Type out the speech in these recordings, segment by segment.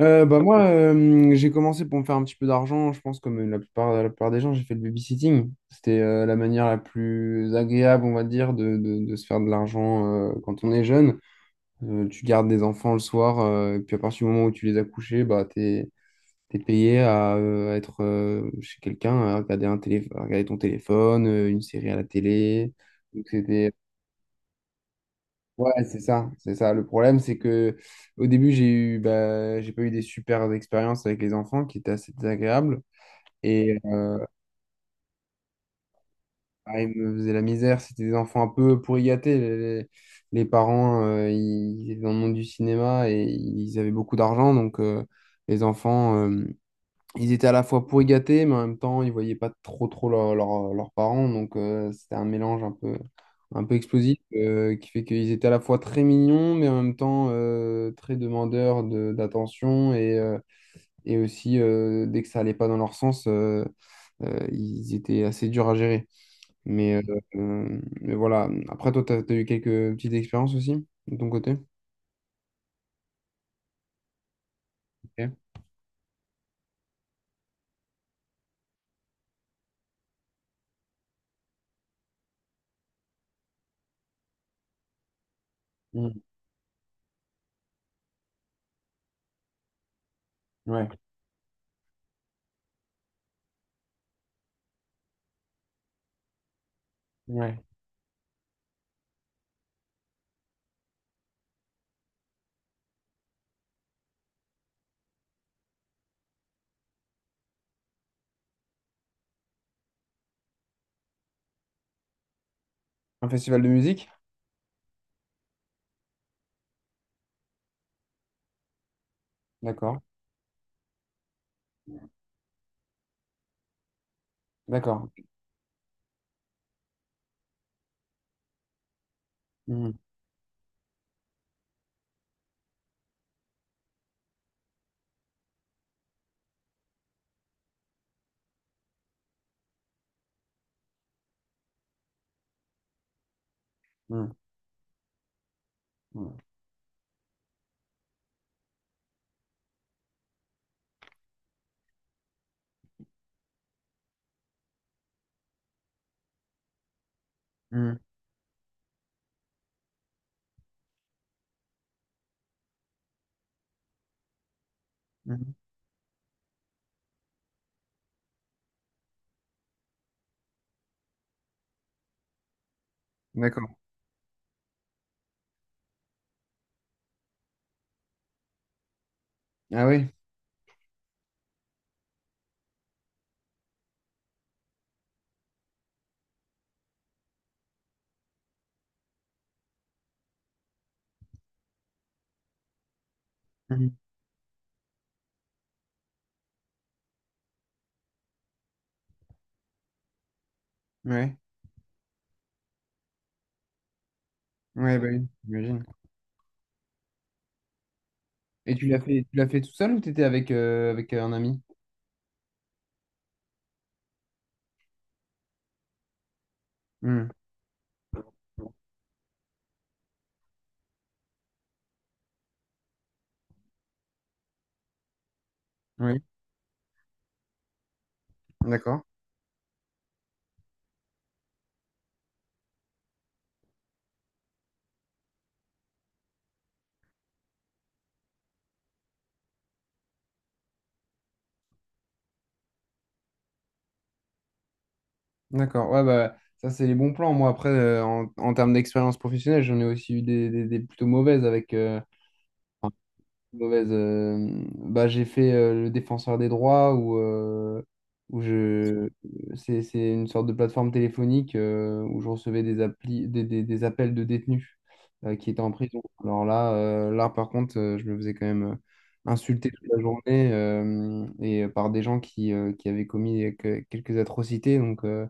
Bah moi, j'ai commencé pour me faire un petit peu d'argent, je pense comme la plupart des gens, j'ai fait le babysitting. C'était la manière la plus agréable, on va dire, de se faire de l'argent quand on est jeune. Tu gardes des enfants le soir, et puis à partir du moment où tu les as couchés, bah, t'es payé à être chez quelqu'un, à regarder, à regarder ton téléphone, une série à la télé. Donc c'était. Ouais, c'est ça, c'est ça. Le problème, c'est que au début, bah, j'ai pas eu des super expériences avec les enfants qui étaient assez désagréables. Et euh, ah, ils me faisaient la misère. C'était des enfants un peu pourri gâtés. Les parents, ils étaient dans le monde du cinéma et ils avaient beaucoup d'argent. Donc, les enfants, ils étaient à la fois pourris gâtés, mais en même temps, ils voyaient pas trop trop leurs parents. Donc, c'était un mélange un peu explosif, qui fait qu'ils étaient à la fois très mignons, mais en même temps très demandeurs d'attention. Et aussi, dès que ça allait pas dans leur sens, ils étaient assez durs à gérer. Mais, euh, mais voilà. Après, toi, tu as eu quelques petites expériences aussi de ton côté? Ok. Mm. Ouais, ouais. Un festival de musique? D'accord, d'accord. Mm, mm, mm. Mmh, mmh. D'accord. Ah oui. Mmh. Ouais. Ouais, bah oui, j'imagine. Et tu l'as fait tout seul ou t'étais avec un ami? Hmm. Oui, d'accord. D'accord. Ouais, bah ça, c'est les bons plans. Moi, après, en termes d'expérience professionnelle, j'en ai aussi eu des plutôt mauvaises avec. Mauvaise. Bah, j'ai fait le défenseur des droits où, où je. C'est une sorte de plateforme téléphonique où je recevais des, applis, des appels de détenus qui étaient en prison. Alors là, là par contre, je me faisais quand même insulter toute la journée, par des gens qui avaient commis quelques atrocités. Donc,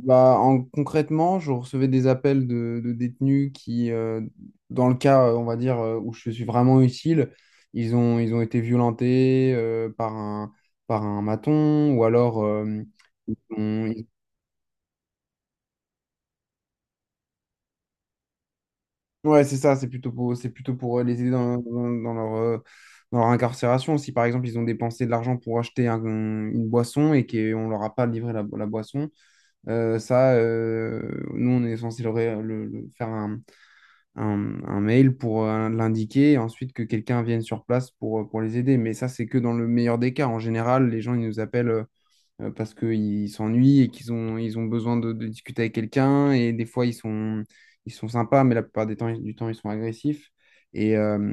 bah, concrètement, je recevais des appels de détenus qui, dans le cas, on va dire, où je suis vraiment utile, ils ont été violentés par un maton ou alors ils ont- ils- Ouais, c'est ça, c'est plutôt pour les aider dans leur incarcération. Si par exemple ils ont dépensé de l'argent pour acheter une boisson et qu'on leur a pas livré la boisson, ça, nous on est censé leur faire un mail pour l'indiquer et ensuite que quelqu'un vienne sur place pour les aider. Mais ça, c'est que dans le meilleur des cas. En général, les gens, ils nous appellent parce qu'ils s'ennuient et qu'ils ont besoin de discuter avec quelqu'un. Et des fois, ils sont sympas, mais la plupart des temps, du temps, ils sont agressifs. Et, euh,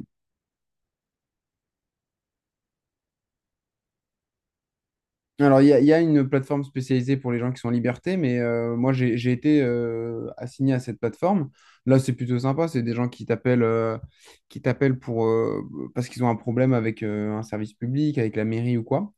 Alors, il y a une plateforme spécialisée pour les gens qui sont en liberté, mais moi, j'ai été assigné à cette plateforme. Là, c'est plutôt sympa. C'est des gens qui t'appellent pour, parce qu'ils ont un problème avec un service public, avec la mairie ou quoi.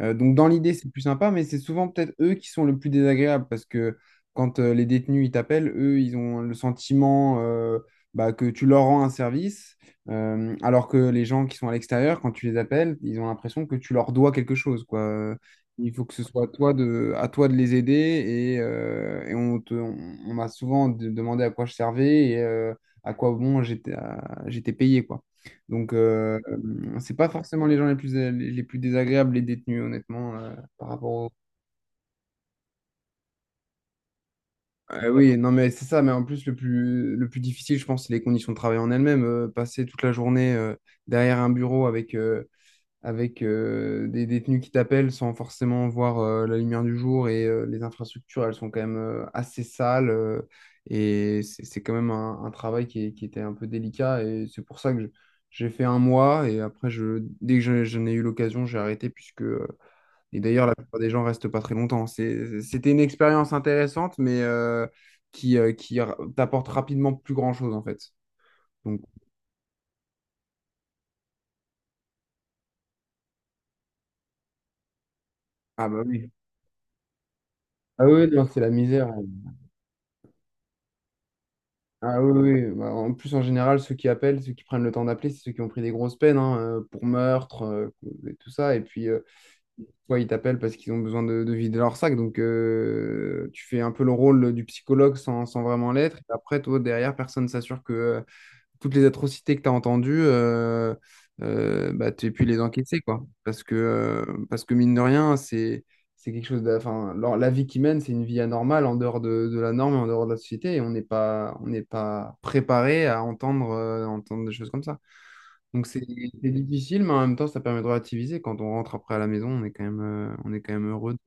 Donc, dans l'idée, c'est plus sympa, mais c'est souvent peut-être eux qui sont le plus désagréables parce que quand les détenus, ils t'appellent, eux, ils ont le sentiment bah, que tu leur rends un service, alors que les gens qui sont à l'extérieur, quand tu les appelles, ils ont l'impression que tu leur dois quelque chose, quoi. Il faut que ce soit à toi de les aider et on m'a souvent demandé à quoi je servais à quoi bon j'étais, j'étais payé quoi. C'est pas forcément les gens les plus désagréables, les détenus, honnêtement, par rapport au... Oui, non, mais c'est ça, mais en plus, le plus difficile, je pense, c'est les conditions de travail en elles-mêmes. Passer toute la journée derrière un bureau avec des détenus qui t'appellent sans forcément voir la lumière du jour et les infrastructures, elles sont quand même assez sales, et c'est quand même un travail qui qui était un peu délicat, et c'est pour ça que j'ai fait un mois, et après, dès que j'en ai eu l'occasion, j'ai arrêté. Puisque et d'ailleurs, la plupart des gens restent pas très longtemps. C'était une expérience intéressante, mais qui t'apporte rapidement plus grand-chose en fait. Donc. Ah bah oui. Ah oui, non, c'est la misère, hein. Ah oui, oui, oui. Bah, en plus, en général, ceux qui appellent, ceux qui prennent le temps d'appeler, c'est ceux qui ont pris des grosses peines, hein, pour meurtre, et tout ça. Et puis, soit ils t'appellent parce qu'ils ont besoin de vider leur sac. Donc, tu fais un peu le rôle du psychologue sans vraiment l'être. Et après, toi, derrière, personne s'assure que toutes les atrocités que tu as entendues, bah, tu pu les encaisser, quoi. Parce que mine de rien, c'est quelque chose de, enfin, la vie qu'ils mènent, c'est une vie anormale en dehors de la norme et en dehors de la société. Et on n'est pas préparé à entendre des choses comme ça. Donc c'est difficile, mais en même temps, ça permet de relativiser. Quand on rentre après à la maison, on est quand même heureux.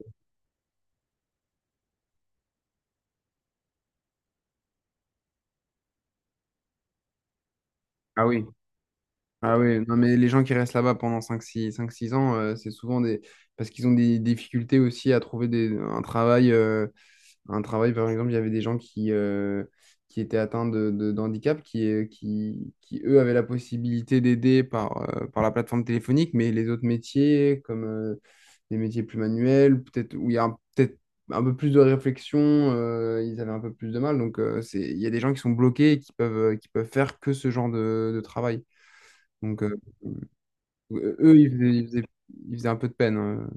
Ah oui. Ah oui, non, mais les gens qui restent là-bas pendant 5, 6, 5, 6 ans, c'est souvent des... parce qu'ils ont des difficultés aussi à trouver des... un travail. Un travail, par exemple, il y avait des gens qui étaient atteints d'handicap, qui, qui, eux, avaient la possibilité d'aider par la plateforme téléphonique, mais les autres métiers, comme des métiers plus manuels, peut-être où il y a peut-être un peu plus de réflexion, ils avaient un peu plus de mal. Donc, c'est... il y a des gens qui sont bloqués et qui peuvent faire que ce genre de travail. Donc, eux, ils faisaient un peu de peine.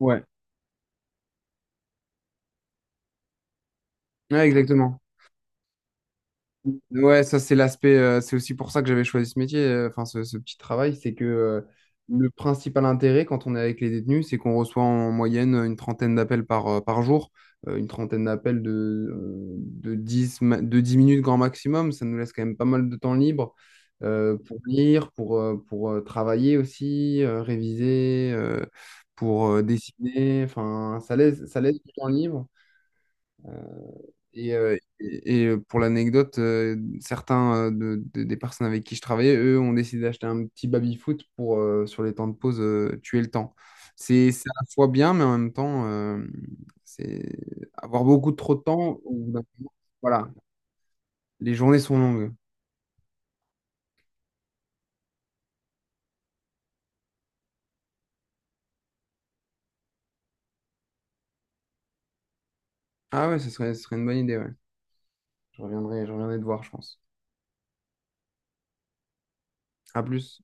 Ouais. Ouais, exactement. Ouais, ça c'est l'aspect, c'est aussi pour ça que j'avais choisi ce métier, enfin ce petit travail, c'est que le principal intérêt, quand on est avec les détenus, c'est qu'on reçoit en moyenne une trentaine d'appels par jour, une trentaine d'appels de 10 minutes grand maximum. Ça nous laisse quand même pas mal de temps libre pour lire, pour travailler aussi, réviser, pour dessiner, enfin ça laisse du temps libre. Pour l'anecdote, certains, des personnes avec qui je travaillais, eux, ont décidé d'acheter un petit baby-foot pour, sur les temps de pause, tuer le temps. C'est à la fois bien, mais en même temps, c'est avoir beaucoup trop de temps au bout d'un moment. Voilà, les journées sont longues. Ah ouais, ce serait une bonne idée, ouais. Je reviendrai te voir, je pense. À plus.